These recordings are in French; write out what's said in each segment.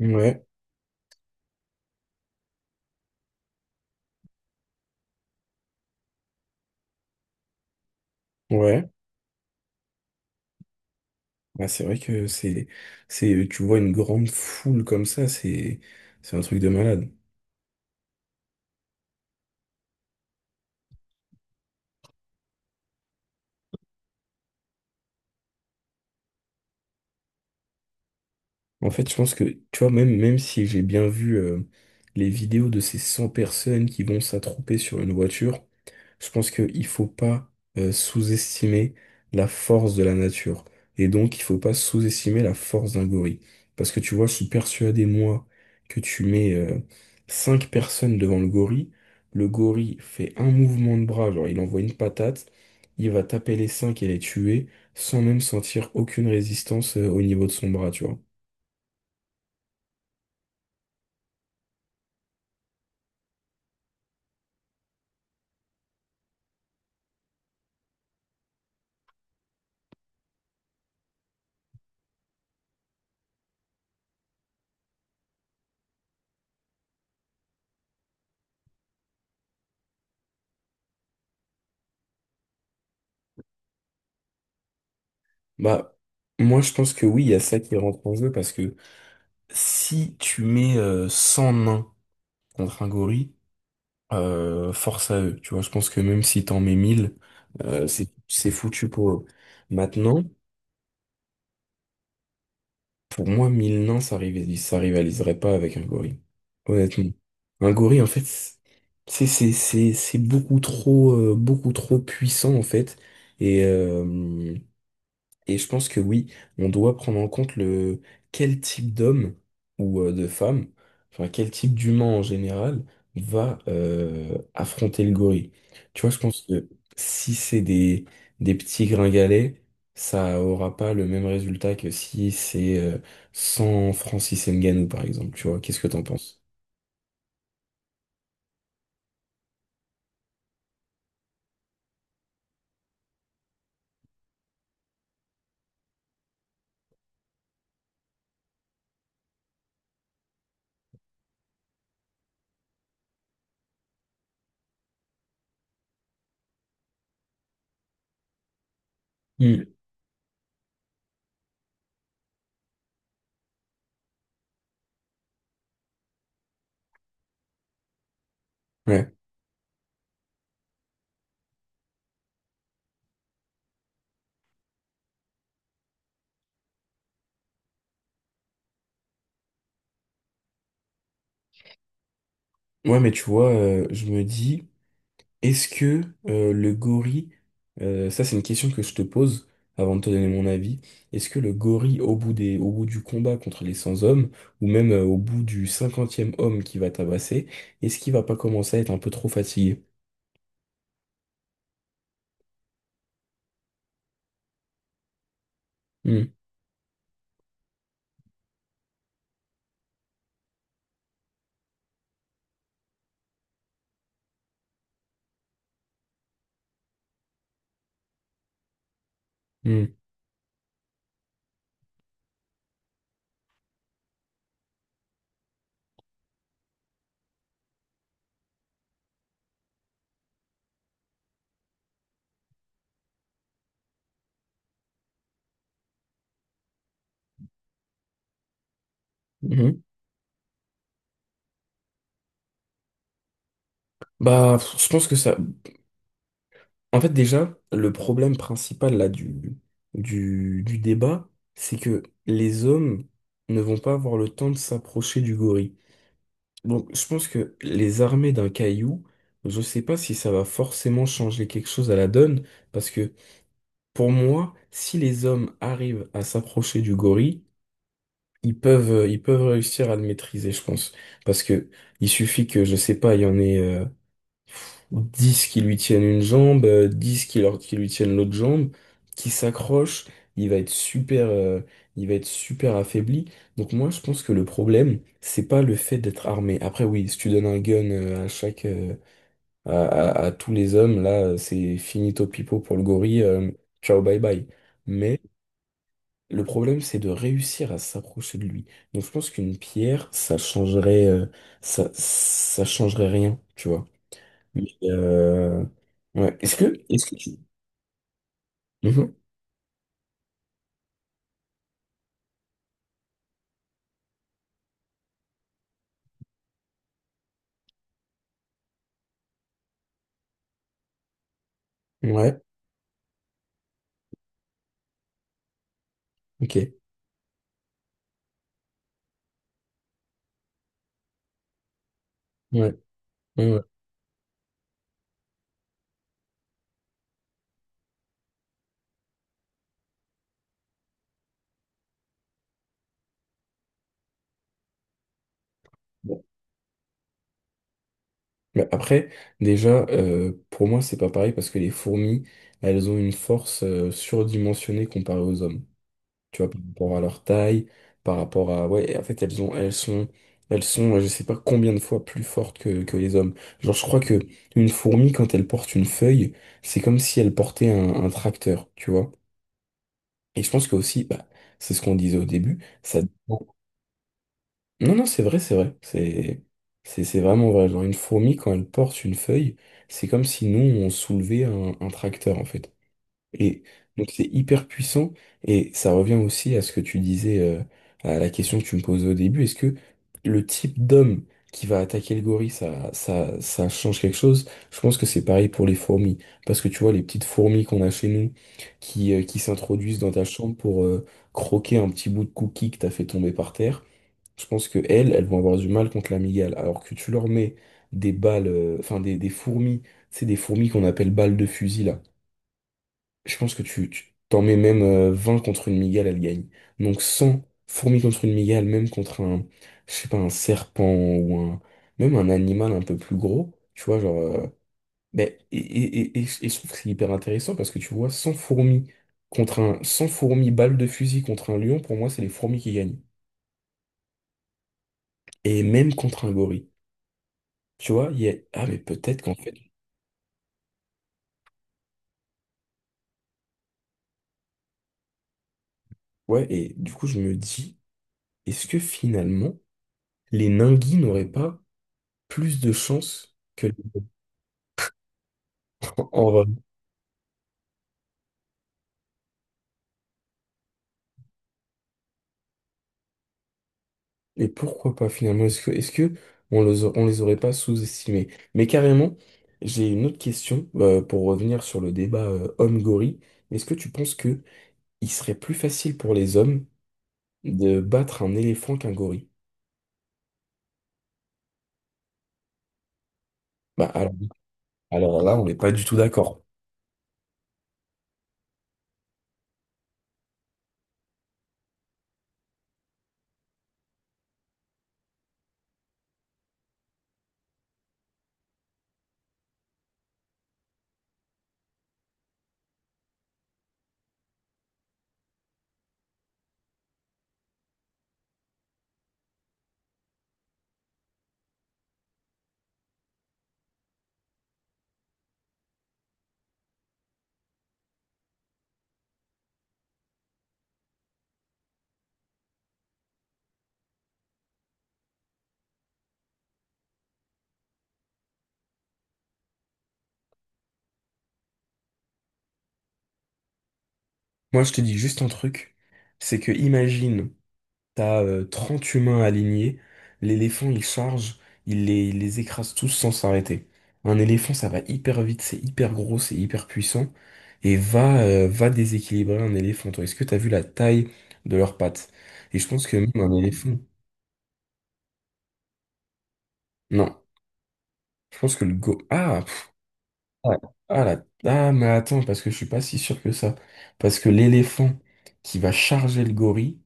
Ouais, ouais. Ouais, c'est vrai que tu vois, une grande foule comme ça, c'est un truc de malade. En fait, je pense que, tu vois, même si j'ai bien vu les vidéos de ces 100 personnes qui vont s'attrouper sur une voiture. Je pense qu'il ne faut pas sous-estimer la force de la nature. Et donc, il faut pas sous-estimer la force d'un gorille. Parce que tu vois, je suis persuadé, moi, que tu mets cinq personnes devant le gorille. Le gorille fait un mouvement de bras, genre il envoie une patate. Il va taper les cinq et les tuer sans même sentir aucune résistance au niveau de son bras, tu vois. Bah, moi, je pense que oui, il y a ça qui rentre en jeu, parce que si tu mets 100 nains contre un gorille, force à eux. Tu vois, je pense que même si t'en mets 1000, c'est foutu pour eux. Maintenant, pour moi, 1000 nains, ça rivaliserait pas avec un gorille. Honnêtement. Un gorille, en fait, c'est beaucoup trop puissant en fait. Et euh, Et je pense que oui, on doit prendre en compte le quel type d'homme ou de femme, enfin quel type d'humain en général va affronter le gorille. Tu vois, je pense que si c'est des petits gringalets, ça aura pas le même résultat que si c'est sans Francis Ngannou, par exemple. Tu vois, qu'est-ce que t'en penses? Hmm. Ouais. Ouais, mais tu vois, je me dis. Est-ce que le gorille, ça c'est une question que je te pose avant de te donner mon avis, est-ce que le gorille au bout du combat contre les 100 hommes, ou même au bout du cinquantième homme qui va tabasser, est-ce qu'il va pas commencer à être un peu trop fatigué? Hmm, hmm, hmm. Bah, je pense que ça... En fait déjà, le problème principal là du débat, c'est que les hommes ne vont pas avoir le temps de s'approcher du gorille. Donc, je pense que les armées d'un caillou, je sais pas si ça va forcément changer quelque chose à la donne, parce que pour moi, si les hommes arrivent à s'approcher du gorille, ils peuvent réussir à le maîtriser, je pense. Parce que il suffit que, je sais pas, il y en ait 10 qui lui tiennent une jambe, 10 qui lui tiennent l'autre jambe, qui s'accroche, il va être super, il va être super affaibli. Donc moi, je pense que le problème, c'est pas le fait d'être armé. Après, oui, si tu donnes un gun à chaque, à tous les hommes, là, c'est finito pipo pour le gorille, ciao bye bye. Mais le problème, c'est de réussir à s'approcher de lui. Donc je pense qu'une pierre, ça changerait, ça changerait rien, tu vois. Mais, ouais. Est-ce que tu... Mhm. Ouais, ok. Ouais, ouais, ouais. Bon. Bah, après, déjà, pour moi, c'est pas pareil parce que les fourmis, elles ont une force surdimensionnée comparée aux hommes. Tu vois, par rapport à leur taille, par rapport à... Ouais, en fait, elles ont, elles sont, je sais pas combien de fois plus fortes que les hommes. Genre, je crois que une fourmi, quand elle porte une feuille, c'est comme si elle portait un tracteur, tu vois. Et je pense que aussi, bah, c'est ce qu'on disait au début, ça dépend. Non, non, c'est vrai, c'est vrai. C'est vraiment vrai. Genre, une fourmi, quand elle porte une feuille, c'est comme si nous, on soulevait un tracteur, en fait. Et donc, c'est hyper puissant. Et ça revient aussi à ce que tu disais, à la question que tu me posais au début. Est-ce que le type d'homme qui va attaquer le gorille, ça change quelque chose? Je pense que c'est pareil pour les fourmis. Parce que tu vois, les petites fourmis qu'on a chez nous, qui s'introduisent dans ta chambre pour, croquer un petit bout de cookie que t'as fait tomber par terre. Je pense que elles, elles vont avoir du mal contre l'amygale. Alors que tu leur mets des balles, enfin des fourmis, c'est des fourmis qu'on appelle balles de fusil là. Je pense que tu t'en mets même 20 contre une migale, elle gagne. Donc 100 fourmis contre une migale, même contre un, je sais pas, un serpent ou un, même un animal un peu plus gros, tu vois, genre. Et je trouve que c'est hyper intéressant parce que tu vois, 100 fourmis balles de fusil contre un lion, pour moi, c'est les fourmis qui gagnent. Et même contre un gorille. Tu vois, il y a... Ah, mais peut-être qu'en fait... Ouais, et du coup, je me dis, est-ce que finalement, les Ningui n'auraient pas plus de chances que les... En vrai. Et pourquoi pas, finalement? Est-ce que on les, a- on les aurait pas sous-estimés? Mais carrément, j'ai une autre question, pour revenir sur le débat, homme-gorille. Est-ce que tu penses que il serait plus facile pour les hommes de battre un éléphant qu'un gorille? Bah, alors là, on n'est pas du tout d'accord. Moi, je te dis juste un truc, c'est que imagine... T'as 30 humains alignés. L'éléphant, il charge, il les écrase tous sans s'arrêter. Un éléphant, ça va hyper vite, c'est hyper gros, c'est hyper puissant. Et va, déséquilibrer un éléphant. Toi, est-ce que t'as vu la taille de leurs pattes? Et je pense que même un éléphant. Non. Je pense que le go. Ah, pff, ah, ah, la- ah, mais attends, parce que je suis pas si sûr que ça. Parce que l'éléphant qui va charger le gorille,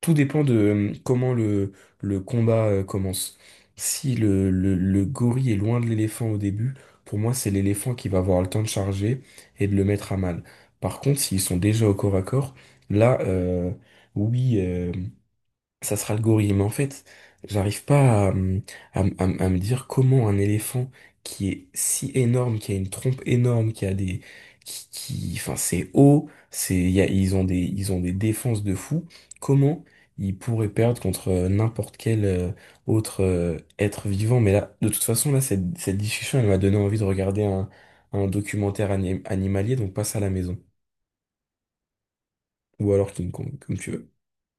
tout dépend de comment le combat commence. Si le gorille est loin de l'éléphant au début, pour moi, c'est l'éléphant qui va avoir le temps de charger et de le mettre à mal. Par contre, s'ils sont déjà au corps à corps, là, oui. Ça sera le gorille. Mais en fait, j'arrive pas à, me- à, me à me- à me dire comment un éléphant qui est si énorme, qui a une trompe énorme, qui a des, enfin, c'est haut, c'est, il y a- ils ont des défenses de fou. Comment ils pourraient perdre contre n'importe quel autre être vivant? Mais là, de toute façon, là, cette discussion, elle m'a donné envie de regarder un documentaire animalier, donc passe à la maison. Ou alors King Kong, comme tu veux.